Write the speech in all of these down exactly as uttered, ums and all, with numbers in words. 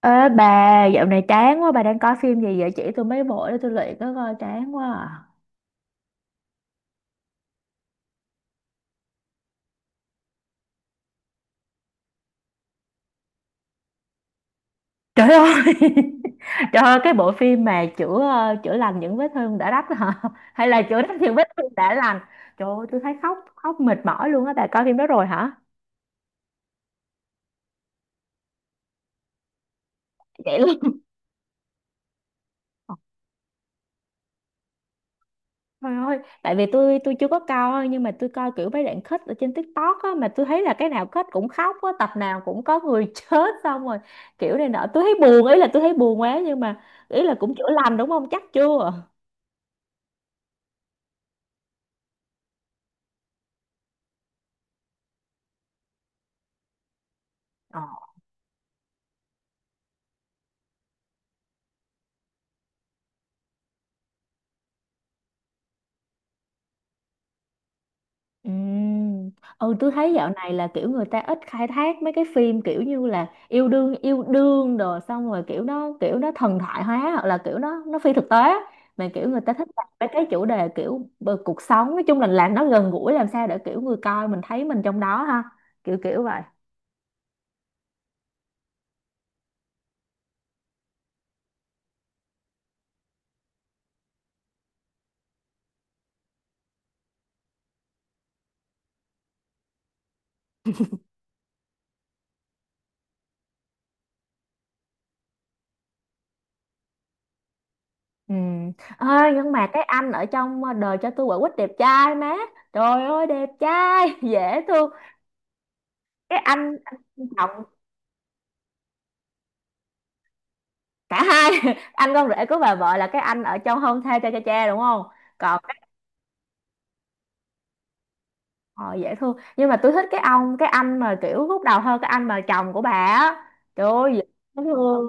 Ê bà, dạo này chán quá, bà đang coi phim gì vậy? Chỉ tôi mấy bộ để tôi luyện có coi chán quá à. Trời ơi, trời ơi, cái bộ phim mà chữa ờ, chữa lành những vết thương đã rách hả? Hay là chữa rách những vết thương đã lành? Trời ơi, tôi thấy khóc, khóc mệt mỏi luôn á, bà coi phim đó rồi hả? Vậy luôn. Trời ơi, tại vì tôi tôi chưa có coi nhưng mà tôi coi kiểu mấy đoạn kết ở trên TikTok á, mà tôi thấy là cái nào kết cũng khóc á, tập nào cũng có người chết xong rồi kiểu này nọ. Tôi thấy buồn, ý là tôi thấy buồn quá, nhưng mà ý là cũng chữa lành đúng không? Chắc chưa? Ờ. Ừm. Ừ, tôi thấy dạo này là kiểu người ta ít khai thác mấy cái phim kiểu như là yêu đương yêu đương đồ, xong rồi kiểu nó kiểu nó thần thoại hóa, hoặc là kiểu nó nó phi thực tế á. Mà kiểu người ta thích làm mấy cái chủ đề kiểu bờ- cuộc sống, nói chung là làm nó gần gũi, làm sao để kiểu người coi mình thấy mình trong đó ha, kiểu kiểu vậy. Ừ. Ơi nhưng mà cái anh ở trong đời cho tôi quả quýt đẹp trai má, trời ơi đẹp trai dễ thương. Cái anh, anh chồng. Cả hai anh con rể của bà vợ là cái anh ở trong Hôn Thê Cha Cha Cha đúng không? Còn cái, họ dễ thương, nhưng mà tôi thích cái ông cái anh mà kiểu lúc đầu hơn cái anh mà chồng của bà á, trời ơi dễ thương.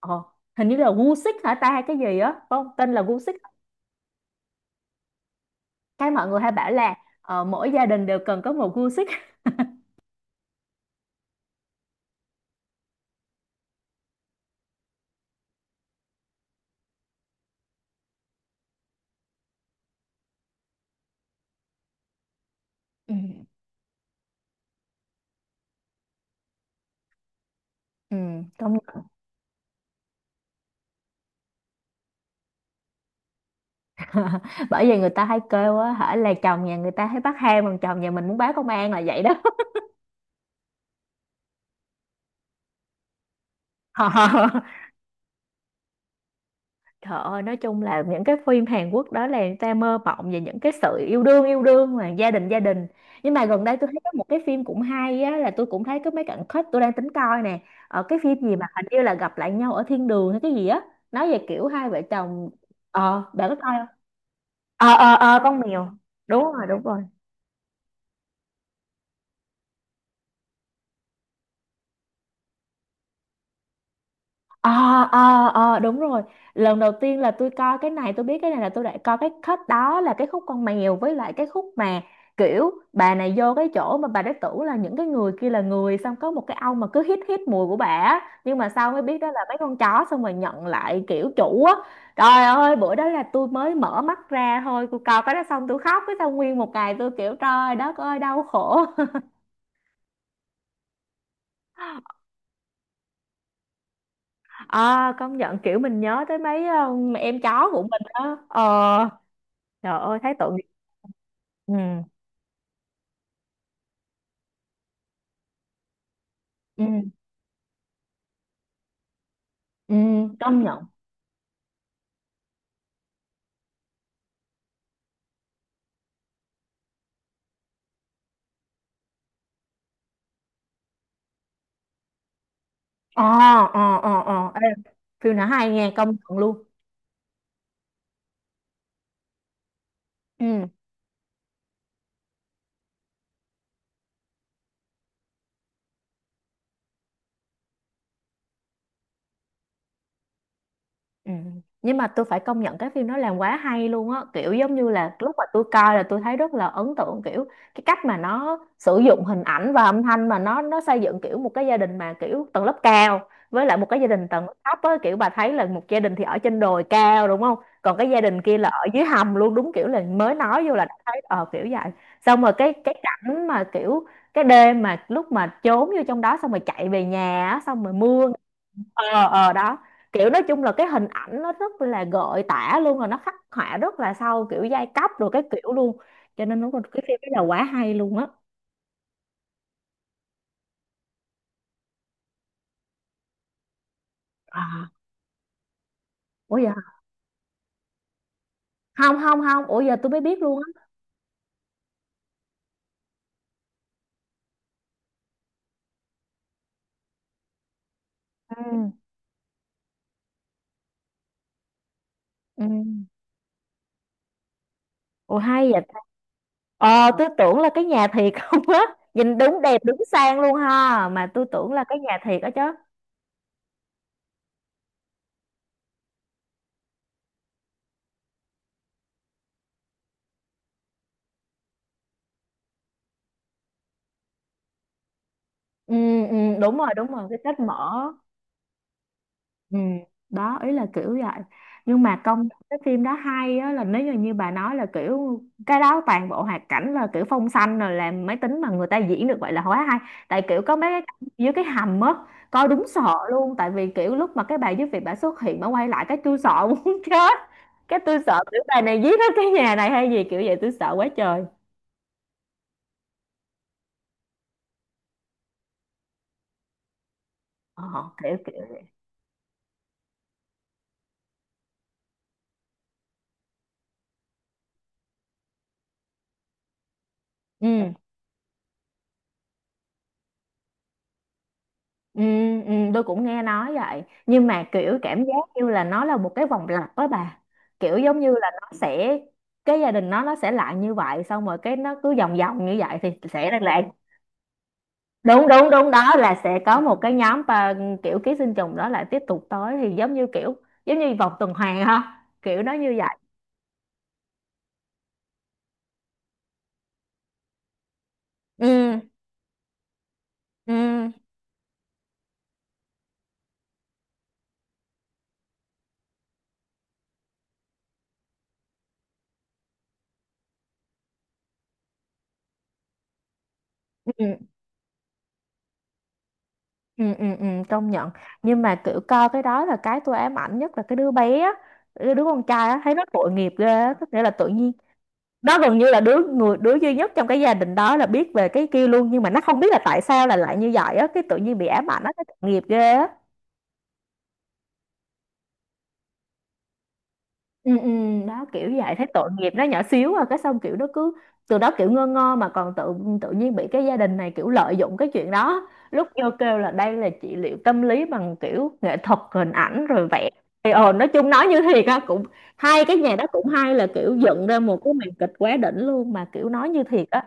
ờ, Hình như là Gucci hả ta, hay cái gì á, phải không, tên là Gucci? Cái mọi người hay bảo là, ờ, mỗi gia đình đều cần có một Gucci. Ừ. Ừ, công nhận. Bởi vì người ta hay kêu á hả là chồng nhà người ta thấy bắt hang, còn chồng nhà mình muốn báo công an, là vậy đó. Trời ơi, nói chung là những cái phim Hàn Quốc đó là người ta mơ mộng về những cái sự yêu đương yêu đương mà gia đình gia đình. Nhưng mà gần đây tôi thấy có một cái phim cũng hay á, là tôi cũng thấy có mấy cảnh khách, tôi đang tính coi nè. Ở cái phim gì mà hình như là gặp lại nhau ở thiên đường hay cái gì á, nói về kiểu hai vợ chồng, ờ bạn có coi không? Ờ ờ ờ con mèo. Đúng rồi, đúng rồi. Ờ ờ ờ đúng rồi, lần đầu tiên là tôi coi cái này, tôi biết cái này là tôi đã coi cái khúc đó là cái khúc con mèo, với lại cái khúc mà kiểu bà này vô cái chỗ mà bà đã tưởng là những cái người kia là người, xong có một cái ông mà cứ hít hít mùi của bà á. Nhưng mà sau mới biết đó là mấy con chó, xong rồi nhận lại kiểu chủ á. Trời ơi, bữa đó là tôi mới mở mắt ra thôi, tôi coi cái đó xong tôi khóc, cái xong nguyên một ngày tôi kiểu trời đất ơi đau khổ. À, công nhận kiểu mình nhớ tới mấy ờ, em chó của mình đó. Ờ, trời ơi thấy tội nghiệp. Ừ. Ừ, ừ, công nhận. Ờ ờ ờ ờ ê, phim này hay nghe, công nhận luôn. Ừ. Ừ. Nhưng mà tôi phải công nhận cái phim nó làm quá hay luôn á, kiểu giống như là lúc mà tôi coi là tôi thấy rất là ấn tượng kiểu cái cách mà nó sử dụng hình ảnh và âm thanh mà nó nó xây dựng kiểu một cái gia đình mà kiểu tầng lớp cao, với lại một cái gia đình tầng lớp thấp á, kiểu bà thấy là một gia đình thì ở trên đồi cao đúng không, còn cái gia đình kia là ở dưới hầm luôn, đúng kiểu là mới nói vô là đã thấy ờ kiểu vậy. Xong rồi cái cái cảnh mà kiểu cái đêm mà lúc mà trốn vô trong đó, xong rồi chạy về nhà á, xong rồi mưa. Ờ, ờ đó. Kiểu nói chung là cái hình ảnh nó rất là gợi tả luôn, rồi nó khắc họa rất là sâu kiểu giai cấp rồi cái kiểu luôn, cho nên đúng là cái phim đó là quá hay luôn á. À, ủa giờ, không không không ủa giờ tôi mới biết luôn á. Ừ. Ừ, ủa hay vậy ta. Ờ tôi tưởng là cái nhà thiệt không á, nhìn đúng đẹp đúng sang luôn ha, mà tôi tưởng là cái nhà thiệt á chứ. Ừ, ừ, đúng rồi đúng rồi, cái kết mở. Ừ, đó ý là kiểu vậy. Nhưng mà công nhận cái phim đó hay á, là nếu như như bà nói là kiểu cái đó toàn bộ hoạt cảnh là kiểu phong xanh rồi làm máy tính, mà người ta diễn được vậy là quá hay. Tại kiểu có mấy cái cảnh dưới cái hầm á, coi đúng sợ luôn, tại vì kiểu lúc mà cái bà giúp việc bà xuất hiện bà quay lại cái tôi sợ muốn chết. Cái tôi sợ kiểu bà này giết hết cái nhà này hay gì kiểu vậy, tôi sợ quá trời. ờ, Kiểu kiểu vậy. Ừ. Ừ, ừ, tôi cũng nghe nói vậy nhưng mà kiểu cảm giác như là nó là một cái vòng lặp đó bà, kiểu giống như là nó sẽ, cái gia đình nó nó sẽ lại như vậy, xong rồi cái nó cứ vòng vòng như vậy thì sẽ lại lại- Đúng đúng đúng, đó là sẽ có một cái nhóm và kiểu ký sinh trùng đó lại tiếp tục tới, thì giống như kiểu, giống như vòng tuần hoàn ha, kiểu nó như vậy. Ừ ừ ừ ừ ừ. Ừ, công nhận. Nhưng mà kiểu coi cái đó là cái tôi ám ảnh nhất là cái đứa bé á, đứa đứa con trai á, thấy nó tội nghiệp ghê á. Tức nghĩa là tự nhiên nó gần như là đứa người đứa duy nhất trong cái gia đình đó là biết về cái kia luôn, nhưng mà nó không biết là tại sao là lại như vậy á, cái tự nhiên bị ám ảnh, nó thấy tội nghiệp ghê á. Ừ, ừ, đó kiểu vậy, thấy tội nghiệp nó nhỏ xíu à, cái xong kiểu nó cứ từ đó kiểu ngơ ngơ, mà còn tự, tự nhiên bị cái gia đình này kiểu lợi dụng cái chuyện đó, lúc vô kêu là đây là trị liệu tâm lý bằng kiểu nghệ thuật hình ảnh rồi vẽ, thì ờ nói chung nói như thiệt á. Cũng hai cái nhà đó cũng hay, là kiểu dựng ra một cái màn kịch quá đỉnh luôn, mà kiểu nói như thiệt á.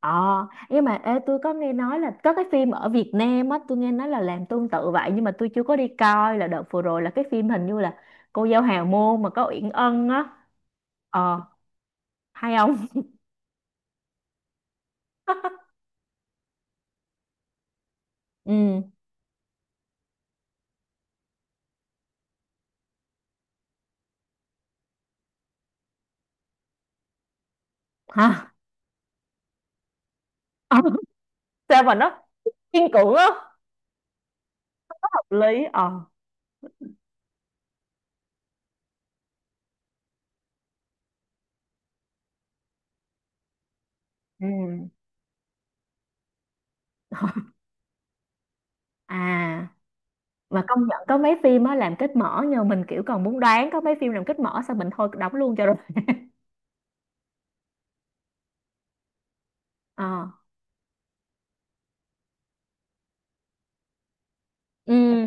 Ờ, nhưng mà ê, tôi có nghe nói là có cái phim ở Việt Nam á, tôi nghe nói là làm tương tự vậy, nhưng mà tôi chưa có đi coi. Là đợt vừa rồi là cái phim hình như là Cô Dâu Hào Môn mà có Uyển Ân á. Ờ, hay không? Ừ, hả? Ờ, sao mà nó kiên cưỡng á, hợp lý. Ờ. Ừ. À, mà công nhận có mấy phim á làm kết mở nhờ mình kiểu còn muốn đoán, có mấy phim làm kết mở sao mình thôi đóng luôn cho rồi. Ờ. Ừ.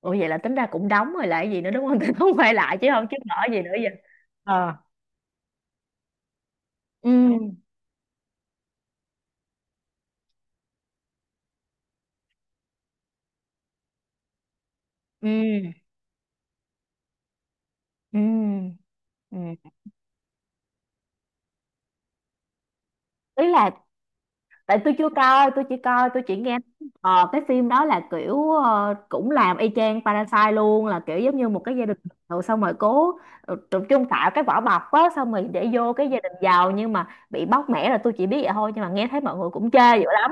Ủa vậy là tính ra cũng đóng rồi, lại gì nữa đúng không? Không quay lại chứ không, chứ mở gì nữa giờ. Ờ. Ừ ừ ừ ừ. Ý là, tại tôi chưa coi, tôi chỉ coi, tôi chỉ nghe ờ, cái phim đó là kiểu ờ, cũng làm y chang Parasite luôn, là kiểu giống như một cái gia đình nghèo, xong rồi cố ờ, tập trung tạo cái vỏ bọc á, xong rồi để vô cái gia đình giàu nhưng mà bị bóc mẽ, là tôi chỉ biết vậy thôi, nhưng mà nghe thấy mọi người cũng chê dữ lắm.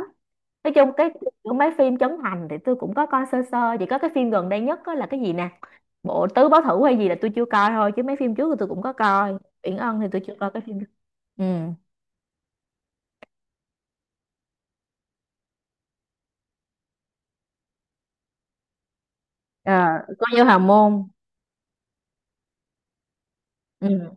Nói chung cái kiểu mấy phim Trấn Thành thì tôi cũng có coi sơ sơ, chỉ có cái phim gần đây nhất á là cái gì nè, bộ tứ báo thủ hay gì là tôi chưa coi thôi, chứ mấy phim trước thì tôi cũng có coi. Uyển Ân thì tôi chưa coi cái phim. Ừ. À, coi như hào môn. Ừ.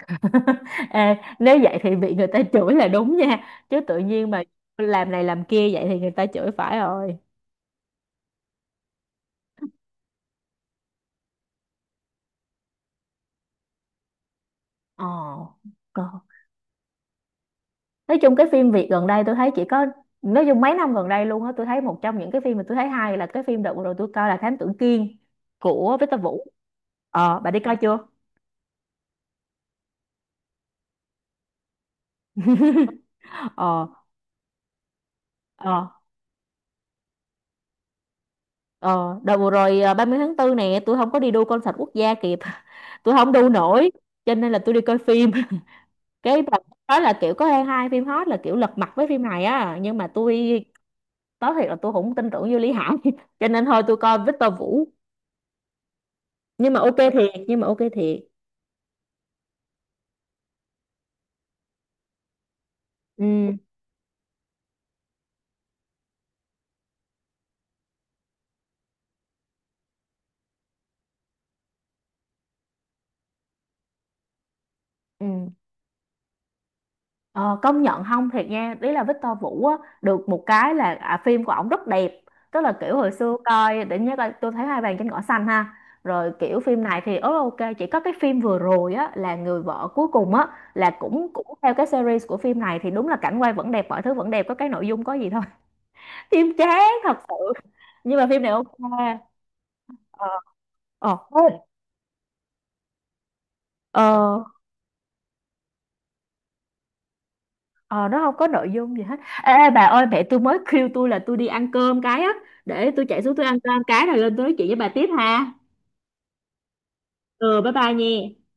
Ê, nếu vậy thì bị người ta chửi là đúng nha, chứ tự nhiên mà làm này làm kia vậy thì người ta chửi phải rồi. Ờ, còn nói chung cái phim Việt gần đây tôi thấy chỉ có, nói chung mấy năm gần đây luôn á, tôi thấy một trong những cái phim mà tôi thấy hay là cái phim đợt vừa rồi tôi coi là Thám Tử Kiên của Victor Vũ. Ờ bà đi coi chưa? Ờ ờ ờ đợt vừa rồi à, ba mươi tháng 4 nè, tôi không có đi đu concert quốc gia kịp. Tôi không đu nổi, cho nên là tôi đi coi phim. Cái bà nói là kiểu có hai hai phim hot là kiểu lật mặt với phim này á, nhưng mà tôi nói thiệt là tôi không tin tưởng vô Lý Hải, cho nên thôi tôi coi Victor Vũ, nhưng mà ok thiệt, nhưng mà ok thiệt. Ừ. Ừ. ờ, Công nhận không thiệt nha, ý là Victor Vũ á được một cái là à, phim của ổng rất đẹp, tức là kiểu hồi xưa coi để nhớ coi tôi thấy hai bàn trên cỏ xanh ha, rồi kiểu phim này thì ớ ok. Chỉ có cái phim vừa rồi á là người vợ cuối cùng á, là cũng cũng theo cái series của phim này thì đúng là cảnh quay vẫn đẹp, mọi thứ vẫn đẹp, có cái nội dung có gì thôi, phim chán thật sự, nhưng mà phim này ok. Ờ. Ờ không. Ờ, ờ, nó không có nội dung gì hết. Ê ê, bà ơi mẹ tôi mới kêu tôi là tôi đi ăn cơm cái á, để tôi chạy xuống tôi ăn cơm cái rồi lên tôi nói chuyện với bà tiếp ha. Ừ bye bye nha.